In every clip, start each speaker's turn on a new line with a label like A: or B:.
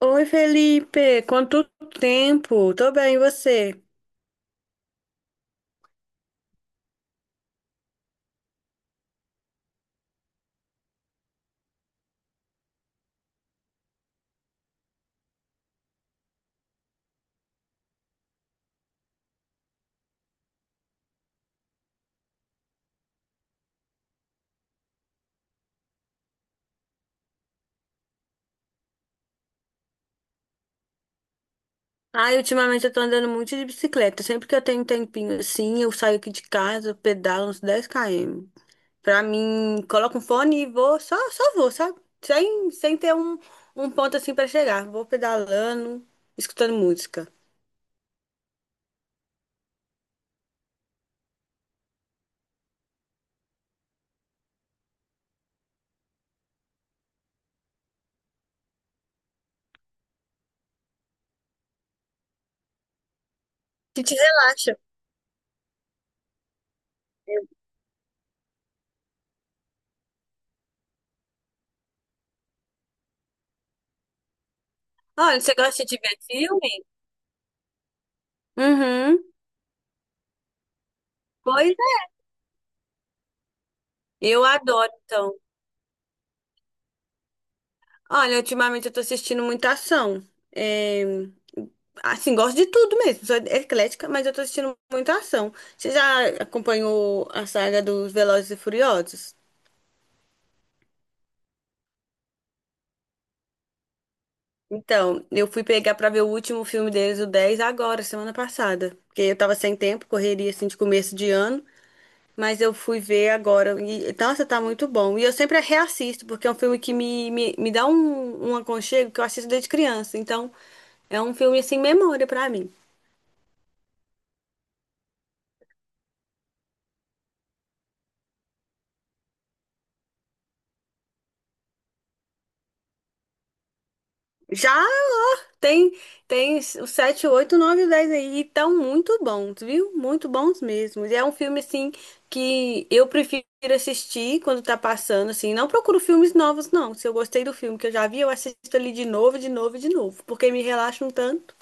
A: Oi, Felipe! Quanto tempo? Tô bem, e você? Ai, ultimamente eu tô andando muito de bicicleta. Sempre que eu tenho um tempinho assim, eu saio aqui de casa, eu pedalo uns dez km. Pra mim, coloco um fone e vou, só vou, sabe? Sem ter um ponto assim pra chegar. Vou pedalando, escutando música. Que te relaxa. Olha, você gosta de ver filme? Uhum. Pois é. Eu adoro, então. Olha, ultimamente eu tô assistindo muita ação. É, assim, gosto de tudo mesmo. Sou eclética, mas eu tô assistindo muita ação. Você já acompanhou a saga dos Velozes e Furiosos? Então, eu fui pegar pra ver o último filme deles, o 10 agora, semana passada. Porque eu tava sem tempo, correria assim de começo de ano. Mas eu fui ver agora. E, nossa, tá muito bom. E eu sempre reassisto, porque é um filme que me dá um aconchego que eu assisto desde criança. Então, é um filme assim, memória pra mim. Já Tem, tem o 7 8 9 e 10 aí, e tão muito bons, viu? Muito bons mesmo. E é um filme, assim, que eu prefiro assistir quando tá passando, assim. Não procuro filmes novos, não. Se eu gostei do filme que eu já vi, eu assisto ali de novo, e de novo, porque me relaxa um tanto.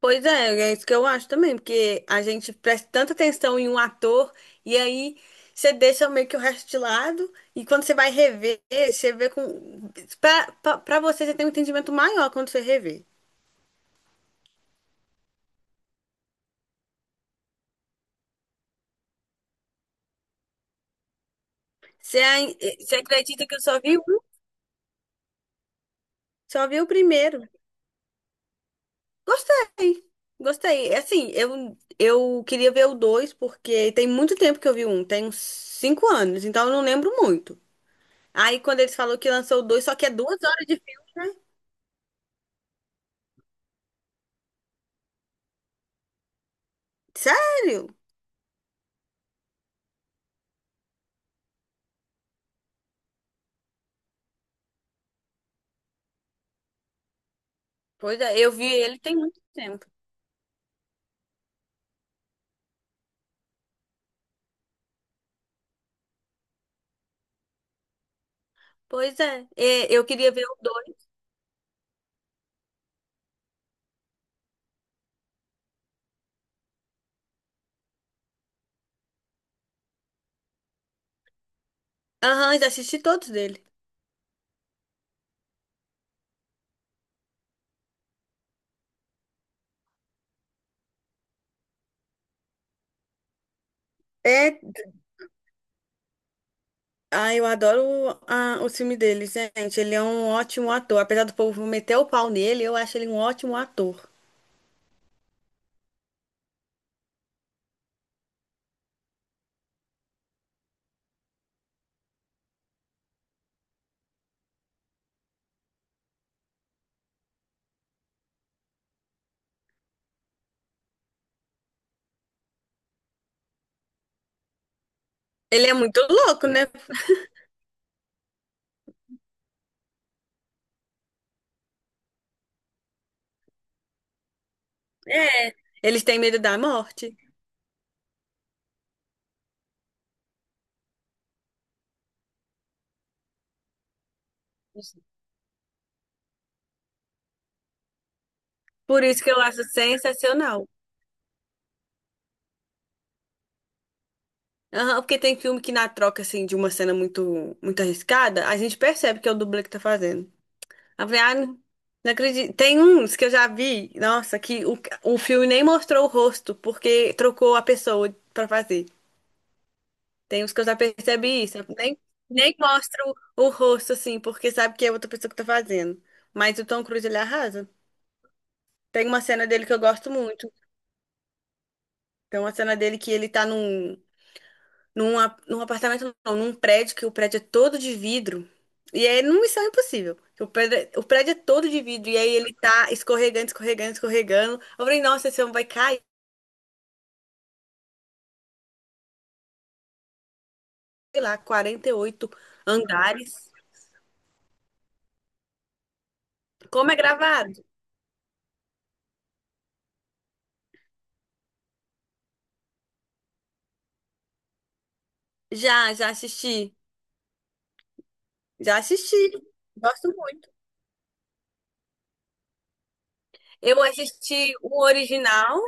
A: Pois é, é isso que eu acho também, porque a gente presta tanta atenção em um ator e aí você deixa meio que o resto de lado e quando você vai rever, você vê com... Pra você tem um entendimento maior quando você rever. Você acredita que eu só vi um? Só vi o primeiro. Gostei. Gostei. É assim, eu queria ver o dois, porque tem muito tempo que eu vi um. Tem uns cinco anos, então eu não lembro muito. Aí quando eles falaram que lançou o dois, só que é duas horas de filme, né? Sério? Pois é, eu vi ele tem muito tempo. Pois é, eu queria ver o dois. Aham, já assisti todos dele. É eu adoro o filme dele, gente. Ele é um ótimo ator. Apesar do povo meter o pau nele, eu acho ele um ótimo ator. Ele é muito louco, né? É. Eles têm medo da morte. Por isso que eu acho sensacional. Aham, porque tem filme que na troca, assim, de uma cena muito, muito arriscada, a gente percebe que é o dublê que tá fazendo. Não, não acredito. Tem uns que eu já vi, nossa, o filme nem mostrou o rosto, porque trocou a pessoa pra fazer. Tem uns que eu já percebi isso. Eu nem, Nem mostro o rosto, assim, porque sabe que é outra pessoa que tá fazendo. Mas o Tom Cruise, ele arrasa. Tem uma cena dele que eu gosto muito. Tem uma cena dele que ele tá num apartamento, não, num prédio, que o prédio é todo de vidro. E aí, numa missão impossível. O prédio é todo de vidro. E aí ele tá escorregando, escorregando, escorregando. Eu falei, nossa, esse homem vai cair, sei lá, 48 andares. Como é gravado? Já, já assisti. Já assisti. Gosto muito. Eu assisti o original,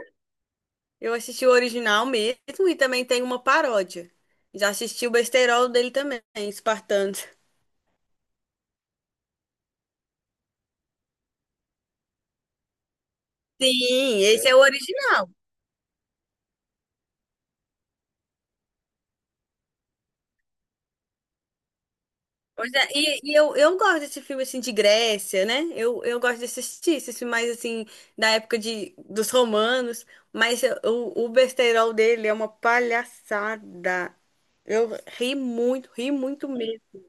A: eu assisti o original mesmo e também tem uma paródia. Já assisti o besterol dele também, Espartanos. Sim, esse é o original. Pois é, eu gosto desse filme assim de Grécia, né? Eu gosto de assistir esses filmes mais assim dos romanos, mas o besterol dele é uma palhaçada. Eu ri muito mesmo.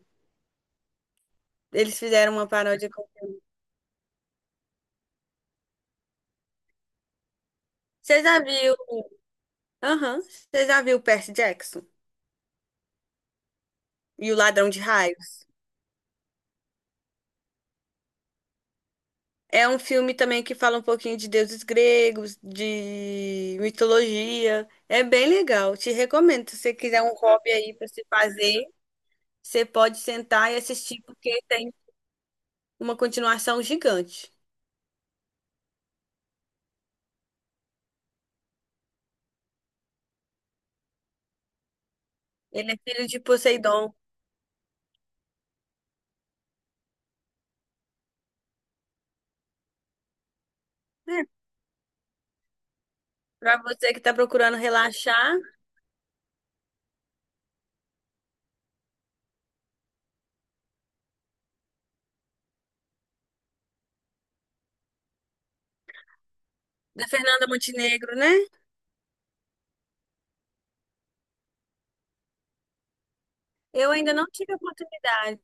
A: Eles fizeram uma paródia com. Você já viu? Aham. Você já viu Percy Jackson e o Ladrão de Raios? É um filme também que fala um pouquinho de deuses gregos, de mitologia. É bem legal. Te recomendo. Se você quiser um hobby aí para se fazer, você pode sentar e assistir porque tem uma continuação gigante. Ele é filho de Poseidon. É, para você que está procurando relaxar, da Fernanda Montenegro, né? Eu ainda não tive a oportunidade.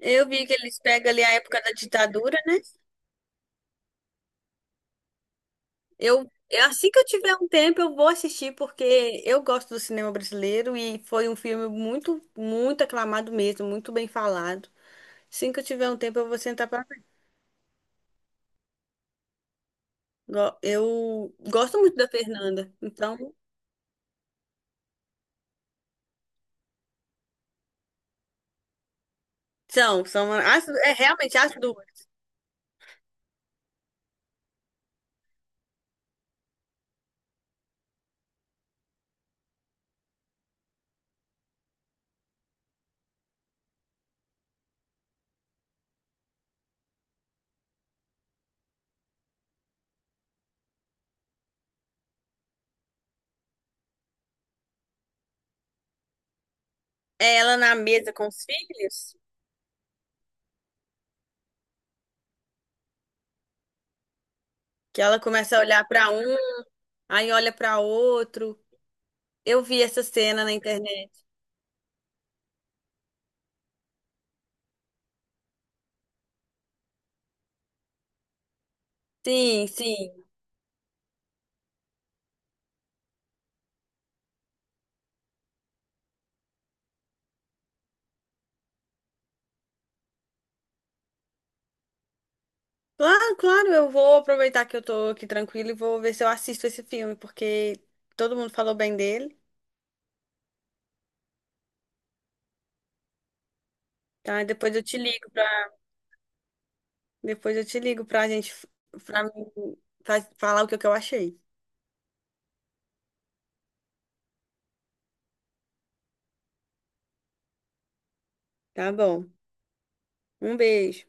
A: Eu vi que eles pegam ali a época da ditadura, né? Assim que eu tiver um tempo, eu vou assistir, porque eu gosto do cinema brasileiro e foi um filme muito, muito aclamado mesmo, muito bem falado. Assim que eu tiver um tempo, eu vou sentar pra ver. Eu gosto muito da Fernanda. Então, é realmente as duas. É ela na mesa com os filhos, que ela começa a olhar pra um, aí olha pra outro. Eu vi essa cena na internet. Sim, sim. Claro, claro, eu vou aproveitar que eu tô aqui tranquila e vou ver se eu assisto esse filme, porque todo mundo falou bem dele, tá? Depois eu te ligo pra gente, pra mim, pra falar o que que eu achei. Tá bom. Um beijo.